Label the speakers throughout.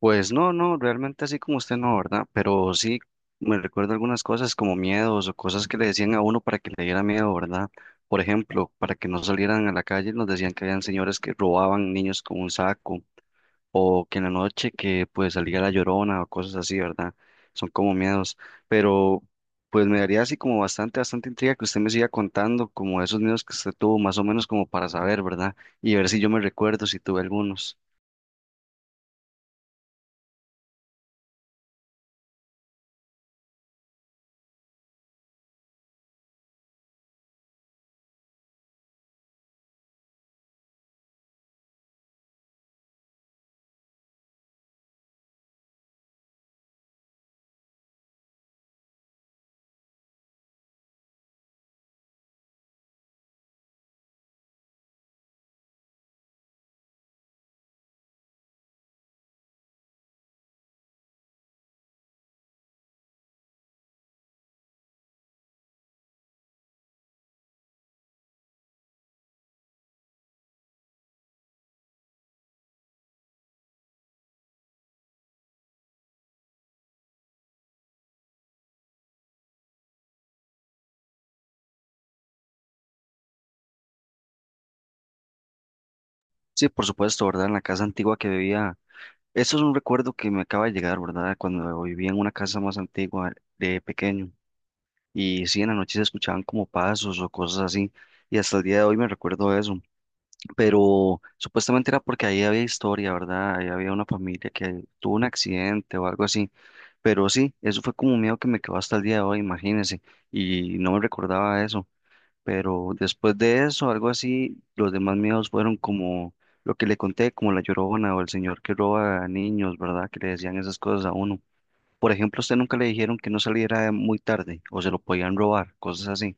Speaker 1: Pues no, no, realmente así como usted no, ¿verdad? Pero sí me recuerdo algunas cosas como miedos o cosas que le decían a uno para que le diera miedo, ¿verdad? Por ejemplo, para que no salieran a la calle, nos decían que habían señores que robaban niños con un saco o que en la noche que pues salía la llorona o cosas así, ¿verdad? Son como miedos, pero pues me daría así como bastante, bastante intriga que usted me siga contando como esos miedos que usted tuvo, más o menos como para saber, ¿verdad? Y ver si yo me recuerdo, si tuve algunos. Sí, por supuesto, ¿verdad? En la casa antigua que vivía. Eso es un recuerdo que me acaba de llegar, ¿verdad? Cuando vivía en una casa más antigua de pequeño. Y sí, en la noche se escuchaban como pasos o cosas así. Y hasta el día de hoy me recuerdo eso. Pero supuestamente era porque ahí había historia, ¿verdad? Ahí había una familia que tuvo un accidente o algo así. Pero sí, eso fue como un miedo que me quedó hasta el día de hoy, imagínense. Y no me recordaba eso. Pero después de eso, algo así, los demás miedos fueron como lo que le conté, como la llorona o el señor que roba a niños, ¿verdad? Que le decían esas cosas a uno. Por ejemplo, a usted nunca le dijeron que no saliera muy tarde o se lo podían robar, cosas así.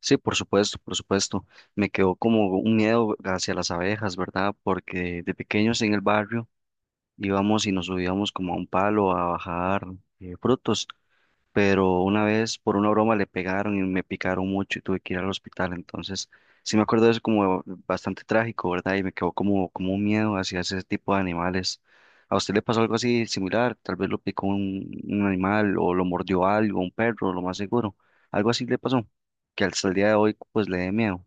Speaker 1: Sí, por supuesto, por supuesto. Me quedó como un miedo hacia las abejas, ¿verdad? Porque de pequeños en el barrio íbamos y nos subíamos como a un palo a bajar frutos. Pero una vez por una broma le pegaron y me picaron mucho y tuve que ir al hospital. Entonces, sí me acuerdo de eso como bastante trágico, ¿verdad? Y me quedó como, como un miedo hacia ese tipo de animales. ¿A usted le pasó algo así similar? Tal vez lo picó un animal o lo mordió algo, un perro, lo más seguro. Algo así le pasó, que hasta el día de hoy pues le dé miedo.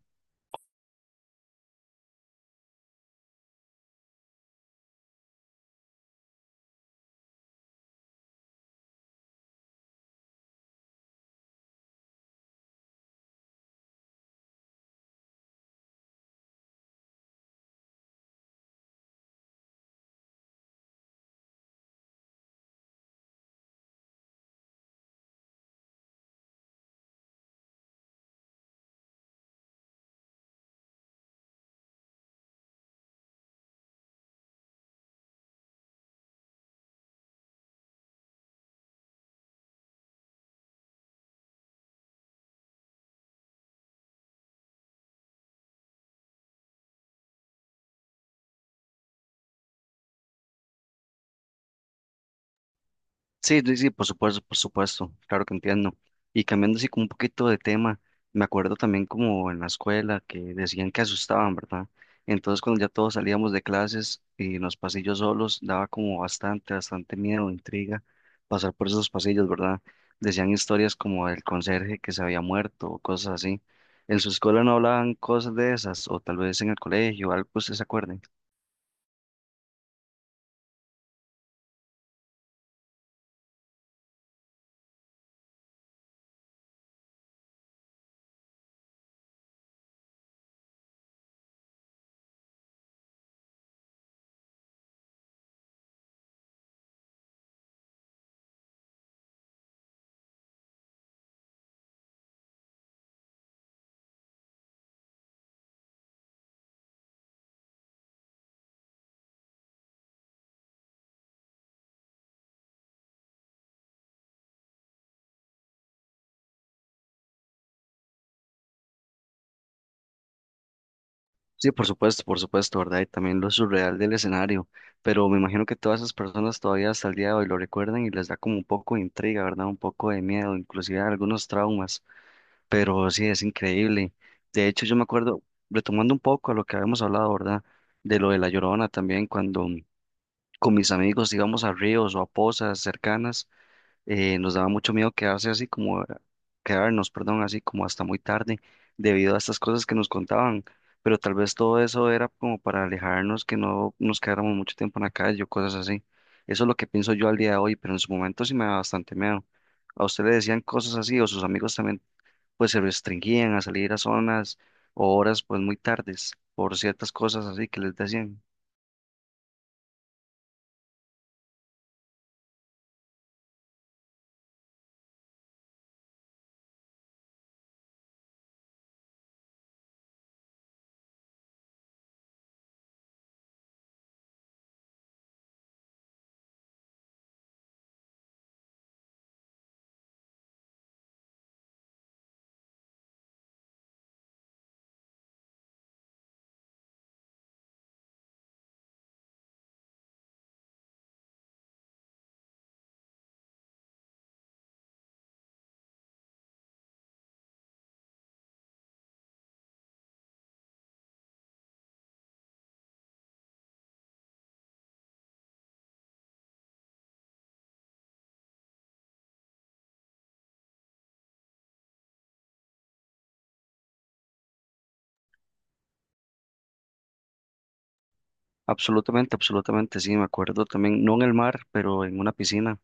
Speaker 1: Sí, sí, sí, por supuesto, claro que entiendo. Y cambiando así como un poquito de tema, me acuerdo también como en la escuela que decían que asustaban, ¿verdad? Entonces cuando ya todos salíamos de clases y en los pasillos solos, daba como bastante, bastante miedo, intriga pasar por esos pasillos, ¿verdad? Decían historias como del conserje que se había muerto o cosas así. ¿En su escuela no hablaban cosas de esas o tal vez en el colegio, algo que usted se acuerde? Sí, por supuesto, ¿verdad? Y también lo surreal del escenario, pero me imagino que todas esas personas todavía hasta el día de hoy lo recuerdan y les da como un poco de intriga, ¿verdad? Un poco de miedo, inclusive algunos traumas, pero sí, es increíble. De hecho, yo me acuerdo, retomando un poco a lo que habíamos hablado, ¿verdad? De lo de La Llorona también, cuando con mis amigos íbamos a ríos o a pozas cercanas, nos daba mucho miedo quedarse así como, quedarnos, perdón, así como hasta muy tarde debido a estas cosas que nos contaban, pero tal vez todo eso era como para alejarnos, que no nos quedáramos mucho tiempo en la calle o cosas así. Eso es lo que pienso yo al día de hoy, pero en su momento sí me daba bastante miedo. ¿A usted le decían cosas así o sus amigos también pues se restringían a salir a zonas o horas pues muy tardes por ciertas cosas así que les decían? Absolutamente, absolutamente, sí, me acuerdo también, no en el mar, pero en una piscina.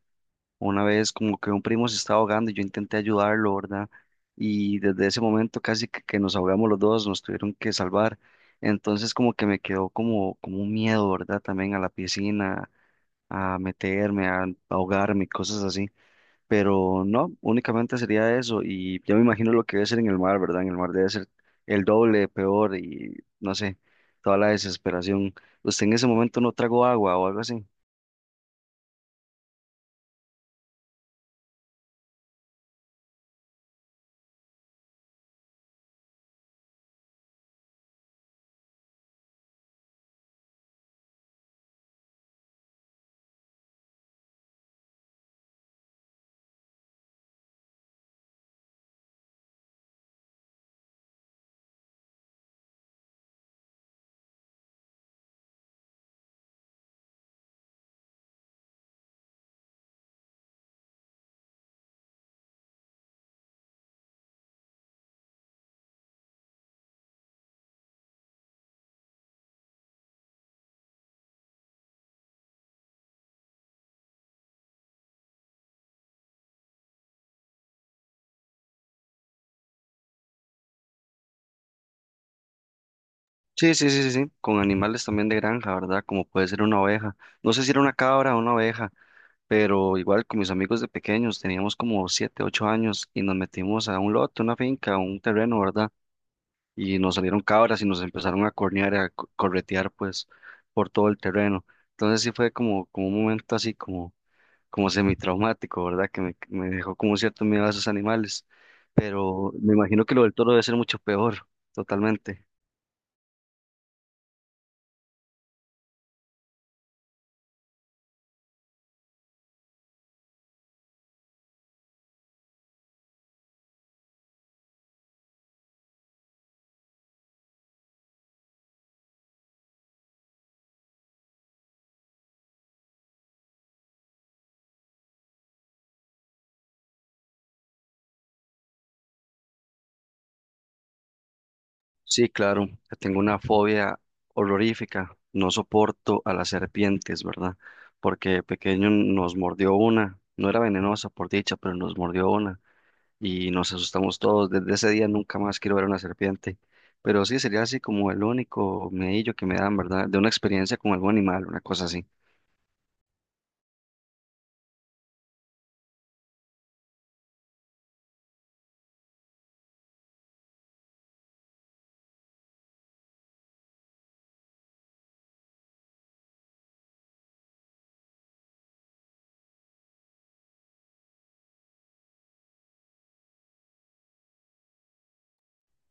Speaker 1: Una vez como que un primo se estaba ahogando y yo intenté ayudarlo, ¿verdad? Y desde ese momento casi que nos ahogamos los dos, nos tuvieron que salvar. Entonces como que me quedó como, como un miedo, ¿verdad? También a la piscina, a meterme, a ahogarme, y cosas así. Pero no, únicamente sería eso. Y yo me imagino lo que debe ser en el mar, ¿verdad? En el mar debe ser el doble, peor y no sé, toda la desesperación. ¿Usted en ese momento no tragó agua o algo así? Sí, sí, sí, sí, sí, con animales también de granja, ¿verdad? Como puede ser una oveja. No sé si era una cabra o una oveja, pero igual con mis amigos de pequeños, teníamos como 7, 8 años y nos metimos a un lote, una finca, un terreno, ¿verdad? Y nos salieron cabras y nos empezaron a cornear, corretear, pues, por todo el terreno. Entonces sí fue como, como un momento así como, como semitraumático, ¿verdad? Que me dejó como cierto miedo a esos animales. Pero me imagino que lo del toro debe ser mucho peor, totalmente. Sí, claro, que tengo una fobia horrorífica. No soporto a las serpientes, ¿verdad? Porque de pequeño nos mordió una. No era venenosa, por dicha, pero nos mordió una. Y nos asustamos todos. Desde ese día nunca más quiero ver una serpiente. Pero sí, sería así como el único medillo que me dan, ¿verdad? De una experiencia con algún animal, una cosa así.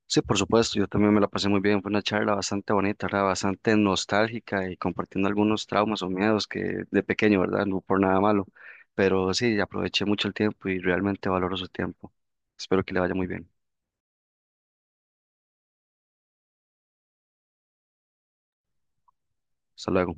Speaker 1: Sí, por supuesto, yo también me la pasé muy bien, fue una charla bastante bonita, ¿verdad? Bastante nostálgica y compartiendo algunos traumas o miedos que de pequeño, ¿verdad? No por nada malo, pero sí, aproveché mucho el tiempo y realmente valoro su tiempo. Espero que le vaya muy bien. Hasta luego.